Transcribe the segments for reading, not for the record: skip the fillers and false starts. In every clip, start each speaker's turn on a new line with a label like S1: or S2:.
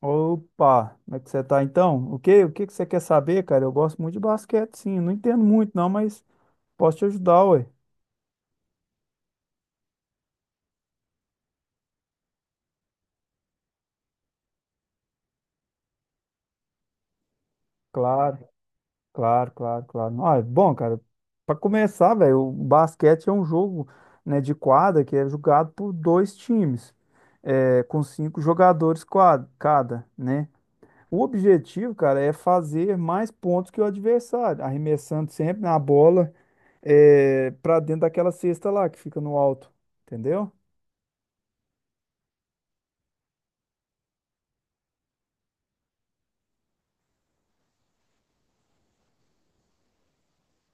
S1: Opa, como é que você tá então? O que que você quer saber, cara? Eu gosto muito de basquete, sim. Não entendo muito, não, mas posso te ajudar, ué. Claro, claro, claro, claro. Ah, é bom, cara, pra começar, velho, o basquete é um jogo, né, de quadra que é jogado por dois times, com cinco jogadores cada, né? O objetivo, cara, é fazer mais pontos que o adversário, arremessando sempre na bola, pra dentro daquela cesta lá que fica no alto, entendeu?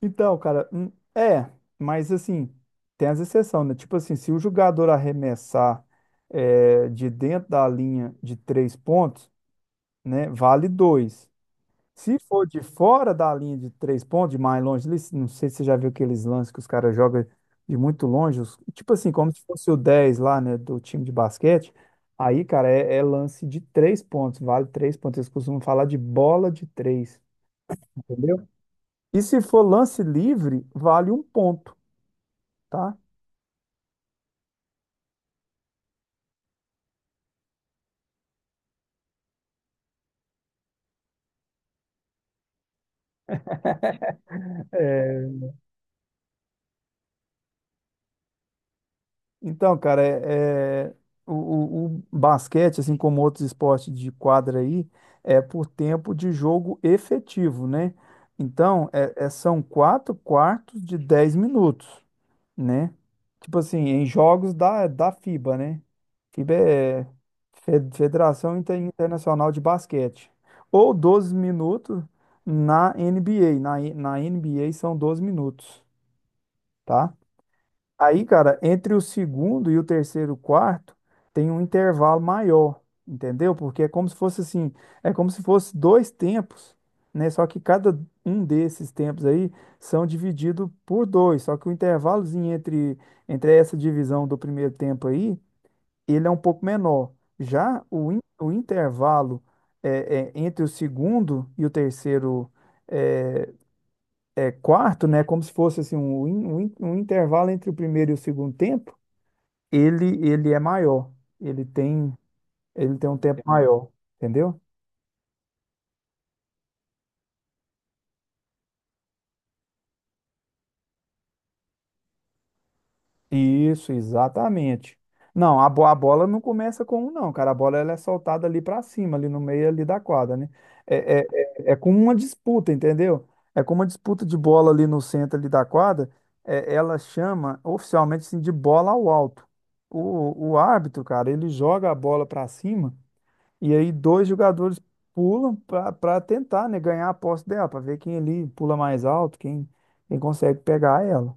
S1: Então, cara, mas assim, tem as exceções, né? Tipo assim, se o jogador arremessar de dentro da linha de três pontos, né, vale dois. Se for de fora da linha de três pontos, de mais longe, ali, não sei se você já viu aqueles lances que os caras jogam de muito longe, tipo assim, como se fosse o 10 lá, né, do time de basquete, aí, cara, é lance de três pontos, vale três pontos. Eles costumam falar de bola de três, entendeu? E se for lance livre, vale um ponto, tá? É, então, cara, o basquete, assim como outros esportes de quadra aí, é por tempo de jogo efetivo, né? Então, são quatro quartos de 10 minutos, né? Tipo assim, em jogos da FIBA, né? FIBA é Federação Internacional de Basquete. Ou 12 minutos na NBA. Na NBA são 12 minutos, tá? Aí, cara, entre o segundo e o terceiro quarto tem um intervalo maior, entendeu? Porque é como se fosse assim, é como se fosse dois tempos, né? Só que cada um desses tempos aí são divididos por dois. Só que o intervalozinho entre essa divisão do primeiro tempo aí, ele é um pouco menor. Já o intervalo entre o segundo e o terceiro é, quarto, né? É como se fosse assim, um intervalo entre o primeiro e o segundo tempo ele é maior. Ele tem ele tem um tempo maior, entendeu? Isso, exatamente. Não, a bola não começa com um, não, cara. A bola ela é soltada ali pra cima, ali no meio ali da quadra, né? É, é, é como uma disputa, entendeu? É como uma disputa de bola ali no centro ali da quadra. Ela chama oficialmente assim, de bola ao alto. O árbitro, cara, ele joga a bola pra cima. E aí dois jogadores pulam para tentar, né, ganhar a posse dela, para ver quem ali pula mais alto, quem consegue pegar ela.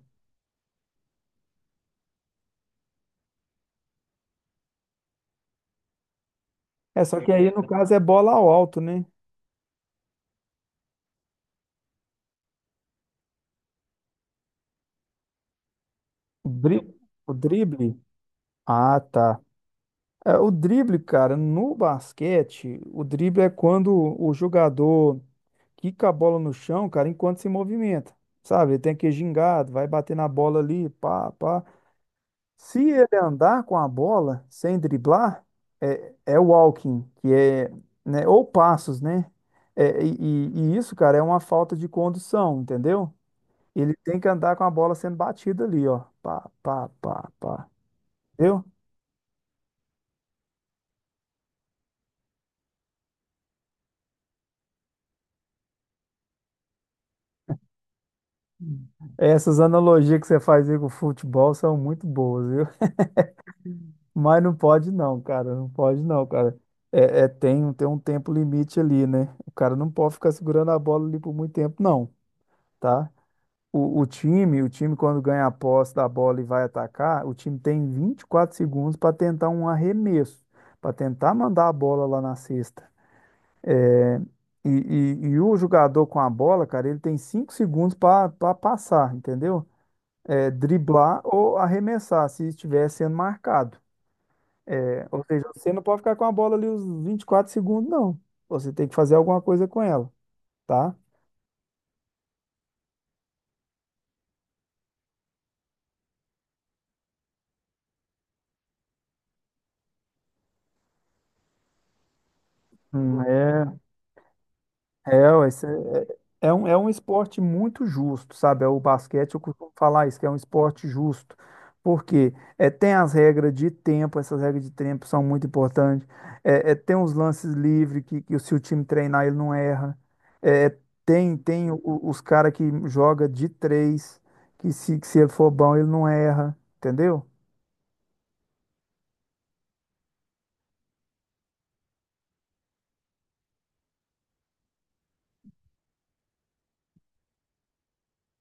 S1: Só que aí no caso é bola ao alto, né? O dri- o drible. Ah, tá. O drible, cara, no basquete, o drible é quando o jogador quica a bola no chão, cara, enquanto se movimenta. Sabe? Ele tem que ir gingado, vai bater na bola ali, pá, pá. Se ele andar com a bola sem driblar, é walking, que é, né, ou passos, né? E isso, cara, é uma falta de condução, entendeu? Ele tem que andar com a bola sendo batida ali, ó. Pá, pá, pá, pá. Viu? Essas analogias que você faz aí com o futebol são muito boas, viu? Mas não pode não, cara. Não pode não, cara. Tem um tempo limite ali, né? O cara não pode ficar segurando a bola ali por muito tempo, não, tá? O time quando ganha a posse da bola e vai atacar, o time tem 24 segundos para tentar um arremesso, para tentar mandar a bola lá na cesta. É, E, e o jogador com a bola, cara, ele tem 5 segundos para passar, entendeu? Driblar ou arremessar se estiver sendo marcado. Ou seja, você não pode ficar com a bola ali os 24 segundos, não. Você tem que fazer alguma coisa com ela, tá? Hum, é ué, é é um esporte muito justo, sabe? O basquete, eu costumo falar isso, que é um esporte justo. Porque tem as regras de tempo, essas regras de tempo são muito importantes. Tem os lances livres, que se o time treinar, ele não erra. É, é, tem os caras que joga de três, que se ele for bom, ele não erra, entendeu?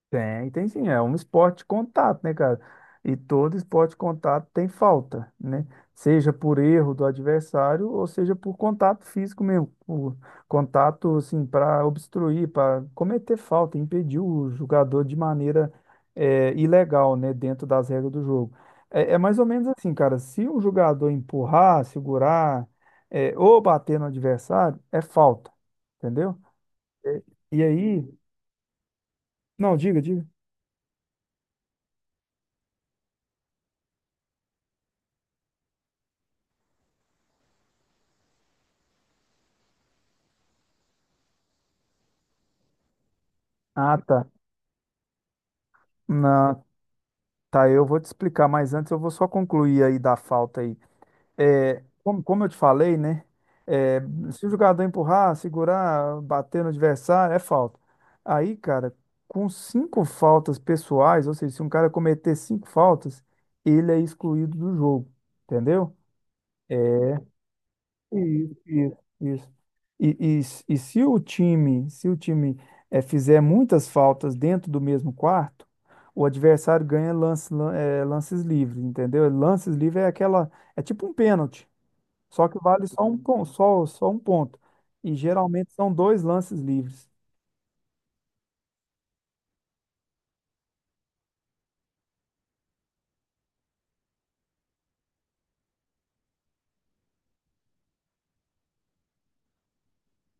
S1: Tem sim, é um esporte de contato, né, cara? E todo esporte de contato tem falta, né? Seja por erro do adversário ou seja por contato físico mesmo, por contato assim para obstruir, para cometer falta, impedir o jogador de maneira ilegal, né, dentro das regras do jogo. É mais ou menos assim, cara. Se o jogador empurrar, segurar, ou bater no adversário, é falta, entendeu? E aí, não, diga, diga. Ah, tá. Não, tá, eu vou te explicar, mas antes eu vou só concluir aí da falta aí. Como eu te falei, né? é, Se o jogador empurrar, segurar, bater no adversário, é falta. Aí, cara, com cinco faltas pessoais, ou seja, se um cara cometer cinco faltas, ele é excluído do jogo, entendeu? Isso, isso, isso. E, e se o time fizer muitas faltas dentro do mesmo quarto, o adversário ganha lances livres, entendeu? Lances livres é é tipo um pênalti, só que vale só um, pon- só, só um ponto. E geralmente são dois lances livres.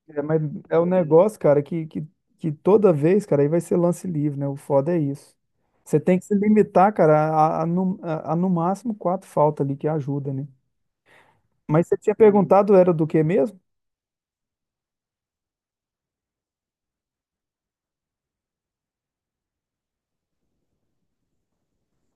S1: Mas é um negócio, cara, que toda vez, cara, aí vai ser lance livre, né? O foda é isso. Você tem que se limitar, cara, a no máximo quatro faltas ali que ajuda, né? Mas você tinha perguntado, era do que mesmo?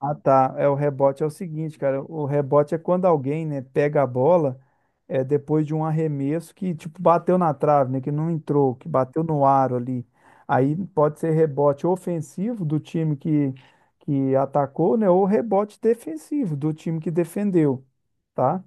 S1: Ah, tá. O rebote é o seguinte, cara. O rebote é quando alguém, né, pega a bola depois de um arremesso que, tipo, bateu na trave, né? Que não entrou, que bateu no aro ali. Aí pode ser rebote ofensivo do time que atacou, né? Ou rebote defensivo do time que defendeu, tá?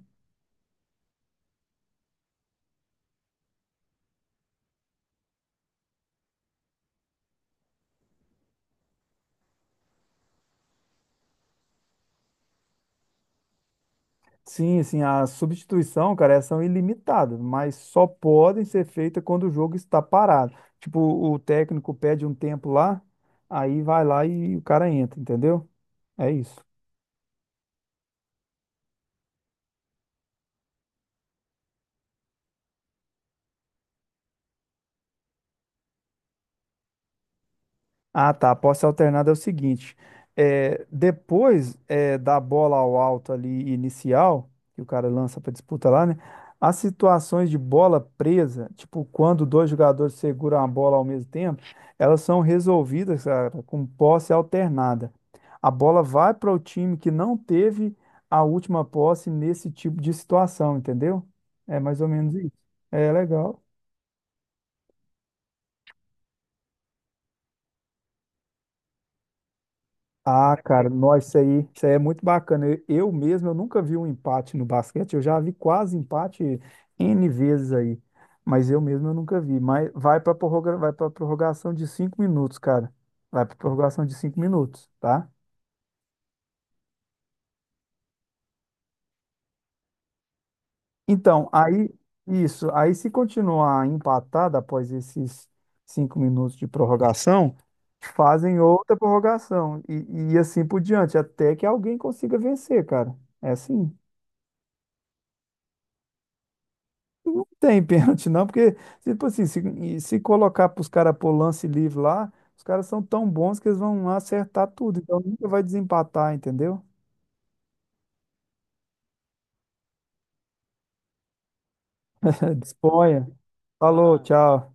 S1: Sim, sim, a substituição, cara, elas são ilimitadas, mas só podem ser feitas quando o jogo está parado. Tipo, o técnico pede um tempo lá, aí vai lá e o cara entra, entendeu? É isso. Ah, tá. A posse alternada é o seguinte: depois da bola ao alto ali inicial, que o cara lança para disputa lá, né? As situações de bola presa, tipo quando dois jogadores seguram a bola ao mesmo tempo, elas são resolvidas, cara, com posse alternada. A bola vai para o time que não teve a última posse nesse tipo de situação, entendeu? É mais ou menos isso. É legal. Ah, cara, nossa, isso aí é muito bacana. Eu mesmo, eu nunca vi um empate no basquete. Eu já vi quase empate N vezes aí, mas eu mesmo eu nunca vi. Mas vai para prorrogação de 5 minutos, cara. Vai para prorrogação de cinco minutos, tá? Então, aí isso, aí se continuar empatado após esses 5 minutos de prorrogação, fazem outra prorrogação e assim por diante, até que alguém consiga vencer, cara. É assim. Não tem pênalti, não, porque, tipo assim, se, e se colocar para os caras pôr lance livre lá, os caras são tão bons que eles vão acertar tudo. Então nunca vai desempatar, entendeu? Disponha. Falou, tchau.